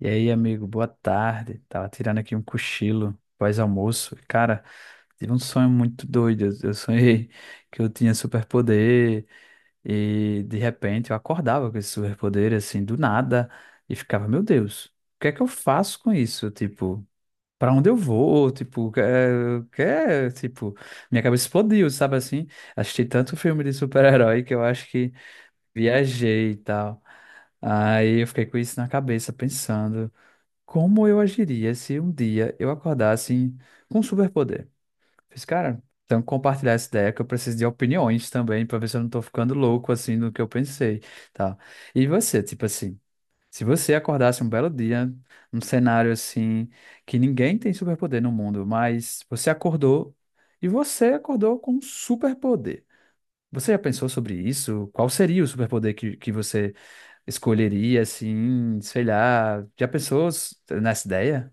E aí, amigo, boa tarde. Tava tirando aqui um cochilo pós-almoço. Cara, tive um sonho muito doido. Eu sonhei que eu tinha superpoder e de repente eu acordava com esse superpoder assim do nada e ficava, meu Deus, o que é que eu faço com isso? Tipo, pra onde eu vou? Tipo, tipo, minha cabeça explodiu, sabe assim? Assisti tanto filme de super-herói que eu acho que viajei e tal. Aí eu fiquei com isso na cabeça pensando. Como eu agiria se um dia eu acordasse com um superpoder? Fiz, cara, então compartilhar essa ideia que eu preciso de opiniões também para ver se eu não tô ficando louco assim no que eu pensei, tá? E você, tipo assim, se você acordasse um belo dia, num cenário assim que ninguém tem superpoder no mundo, mas você acordou e você acordou com um superpoder. Você já pensou sobre isso? Qual seria o superpoder que você escolheria, assim, sei lá? Já pensou nessa ideia?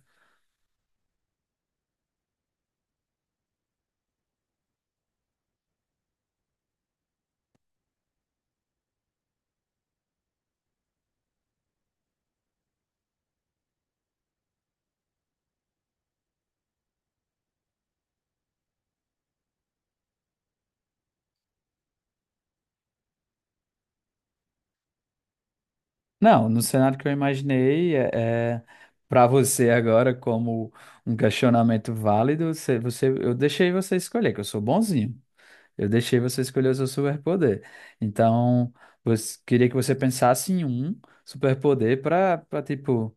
Não, no cenário que eu imaginei, é para você agora, como um questionamento válido, eu deixei você escolher, que eu sou bonzinho. Eu deixei você escolher o seu superpoder. Então, você, queria que você pensasse em um superpoder tipo,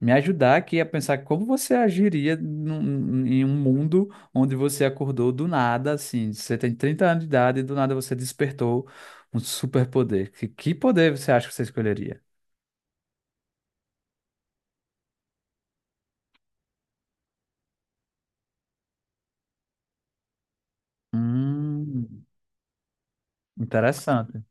me ajudar aqui a pensar como você agiria em um mundo onde você acordou do nada, assim. Você tem 30 anos de idade e do nada você despertou um superpoder. Que poder você acha que você escolheria? Hum, interessante.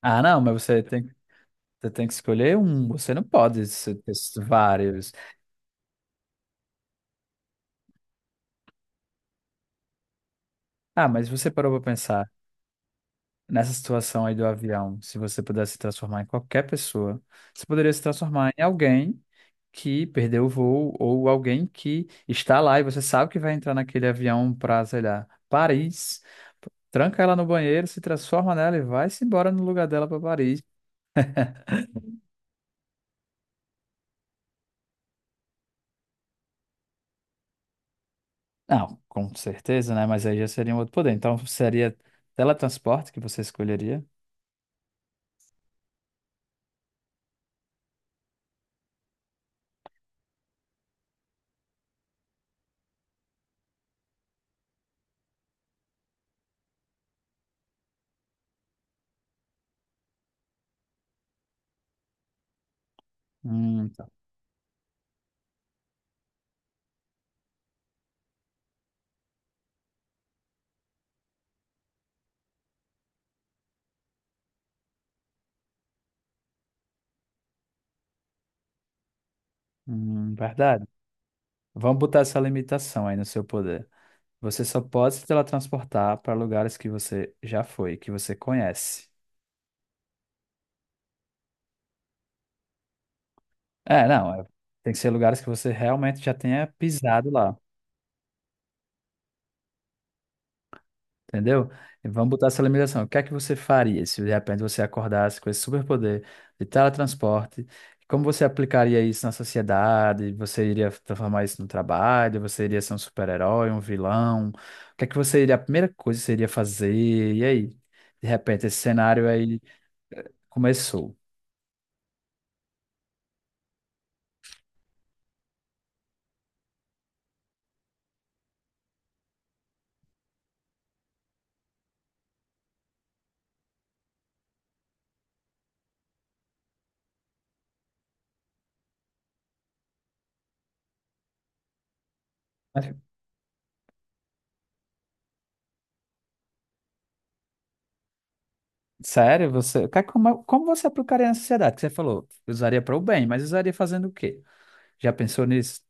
Ah, não, mas você tem que escolher um. Você não pode ser ter vários. Ah, mas você parou pra pensar nessa situação aí do avião. Se você pudesse se transformar em qualquer pessoa, você poderia se transformar em alguém que perdeu o voo ou alguém que está lá e você sabe que vai entrar naquele avião para sei lá, Paris. Tranca ela no banheiro, se transforma nela e vai-se embora no lugar dela para Paris. Não, com certeza, né? Mas aí já seria um outro poder. Então seria teletransporte que você escolheria? Tá. Verdade. Vamos botar essa limitação aí no seu poder. Você só pode se teletransportar para lugares que você já foi, que você conhece. É, não, é- tem que ser lugares que você realmente já tenha pisado lá. Entendeu? E vamos botar essa limitação. O que é que você faria se de repente você acordasse com esse superpoder de teletransporte? Como você aplicaria isso na sociedade? Você iria transformar isso no trabalho? Você iria ser um super-herói, um vilão? O que é que você iria, a primeira coisa que você iria fazer? E aí, de repente, esse cenário aí começou. Mas, sério, você, como, como você aplicaria na sociedade? Que você falou, usaria para o bem, mas usaria fazendo o quê? Já pensou nisso?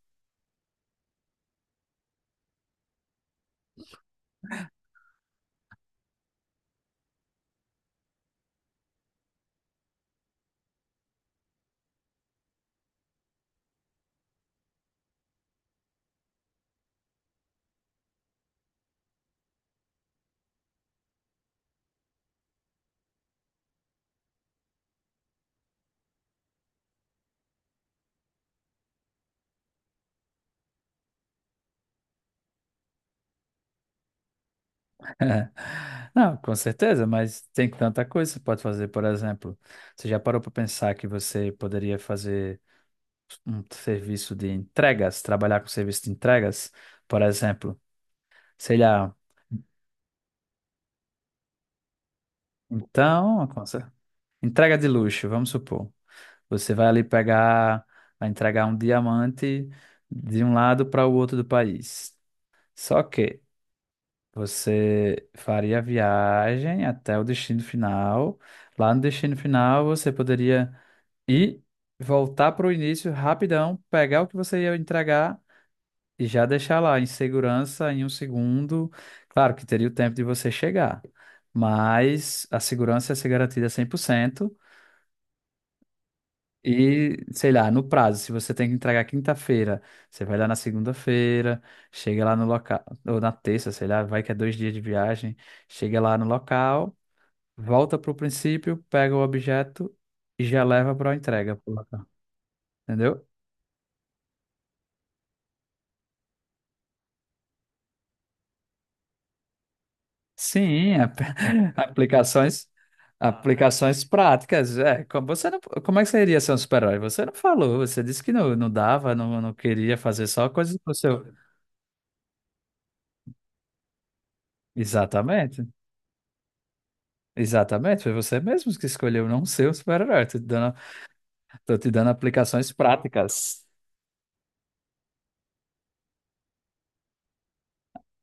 Não, com certeza, mas tem tanta coisa que você pode fazer. Por exemplo, você já parou para pensar que você poderia fazer um serviço de entregas, trabalhar com serviço de entregas? Por exemplo, sei lá, então, entrega de luxo, vamos supor. Você vai ali pegar, vai entregar um diamante de um lado para o outro do país. Só que você faria a viagem até o destino final. Lá no destino final, você poderia e voltar para o início rapidão, pegar o que você ia entregar e já deixar lá em segurança em um segundo. Claro que teria o tempo de você chegar, mas a segurança ia ser garantida 100%. E, sei lá, no prazo, se você tem que entregar quinta-feira, você vai lá na segunda-feira, chega lá no local, ou na terça, sei lá, vai que é 2 dias de viagem, chega lá no local, volta para o princípio, pega o objeto e já leva para a entrega, pro local, entendeu? Sim, ap- aplicações, aplicações práticas. É, como você não, como é que você iria ser um super-herói? Você não falou, você disse que não dava, não queria fazer só coisas pro seu. Exatamente. Exatamente, foi você mesmo que escolheu não ser um super-herói. Tô te dando aplicações práticas.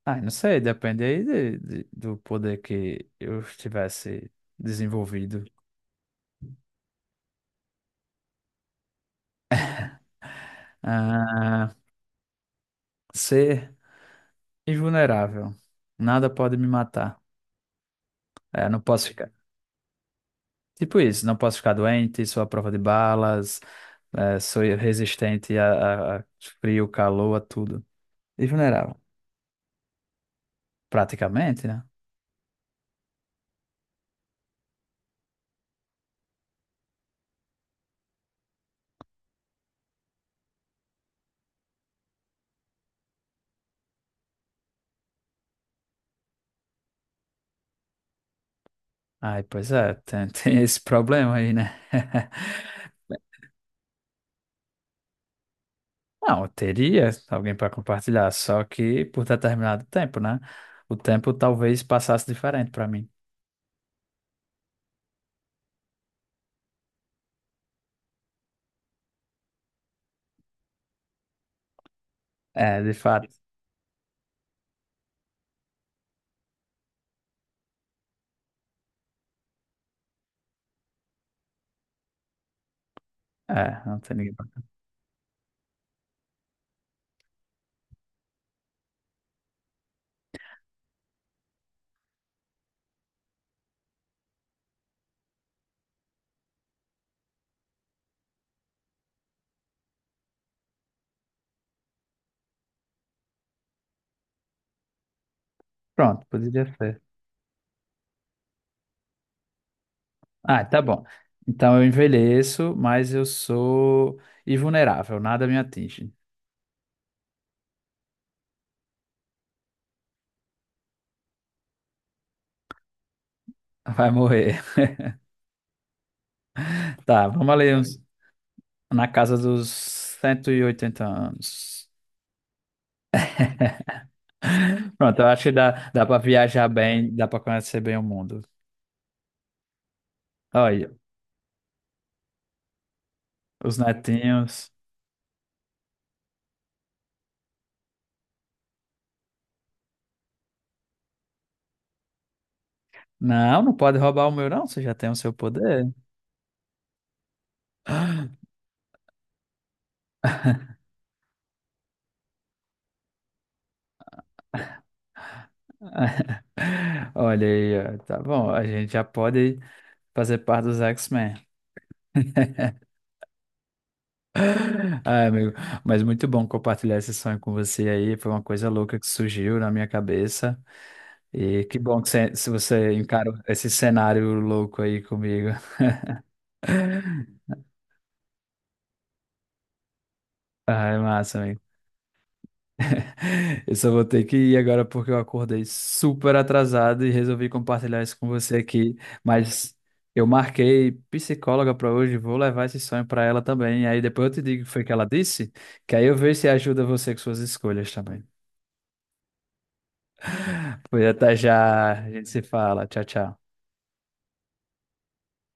Ah, não sei, depende aí do poder que eu tivesse desenvolvido. Ah, ser invulnerável. Nada pode me matar. É, não posso ficar. Tipo isso, não posso ficar doente, sou à prova de balas, sou resistente a frio, calor, a tudo. E vulnerável, praticamente, né? Ai, pois é, tem, tem esse problema aí, né? Não, eu teria alguém para compartilhar, só que por determinado tempo, né? O tempo talvez passasse diferente para mim. É, de fato. É, não tem ninguém pra... Pronto, poderia ser. Ah, tá bom. Então eu envelheço, mas eu sou invulnerável, nada me atinge. Vai morrer. Tá, vamos ali uns, na casa dos 180 anos. Pronto, eu acho que dá, dá pra viajar bem, dá pra conhecer bem o mundo. Olha, os netinhos. Não, não pode roubar o meu, não. Você já tem o seu poder. Olha aí, ó, tá bom. A gente já pode fazer parte dos X-Men. Ai, amigo, mas muito bom compartilhar esse sonho com você aí. Foi uma coisa louca que surgiu na minha cabeça. E que bom que você, se você encarou esse cenário louco aí comigo. Ah, é massa, amigo. Eu só vou ter que ir agora porque eu acordei super atrasado e resolvi compartilhar isso com você aqui. Mas eu marquei psicóloga para hoje, vou levar esse sonho para ela também. Aí depois eu te digo o que foi que ela disse, que aí eu vejo se ajuda você com suas escolhas também. Pois até já, a gente se fala. Tchau, tchau.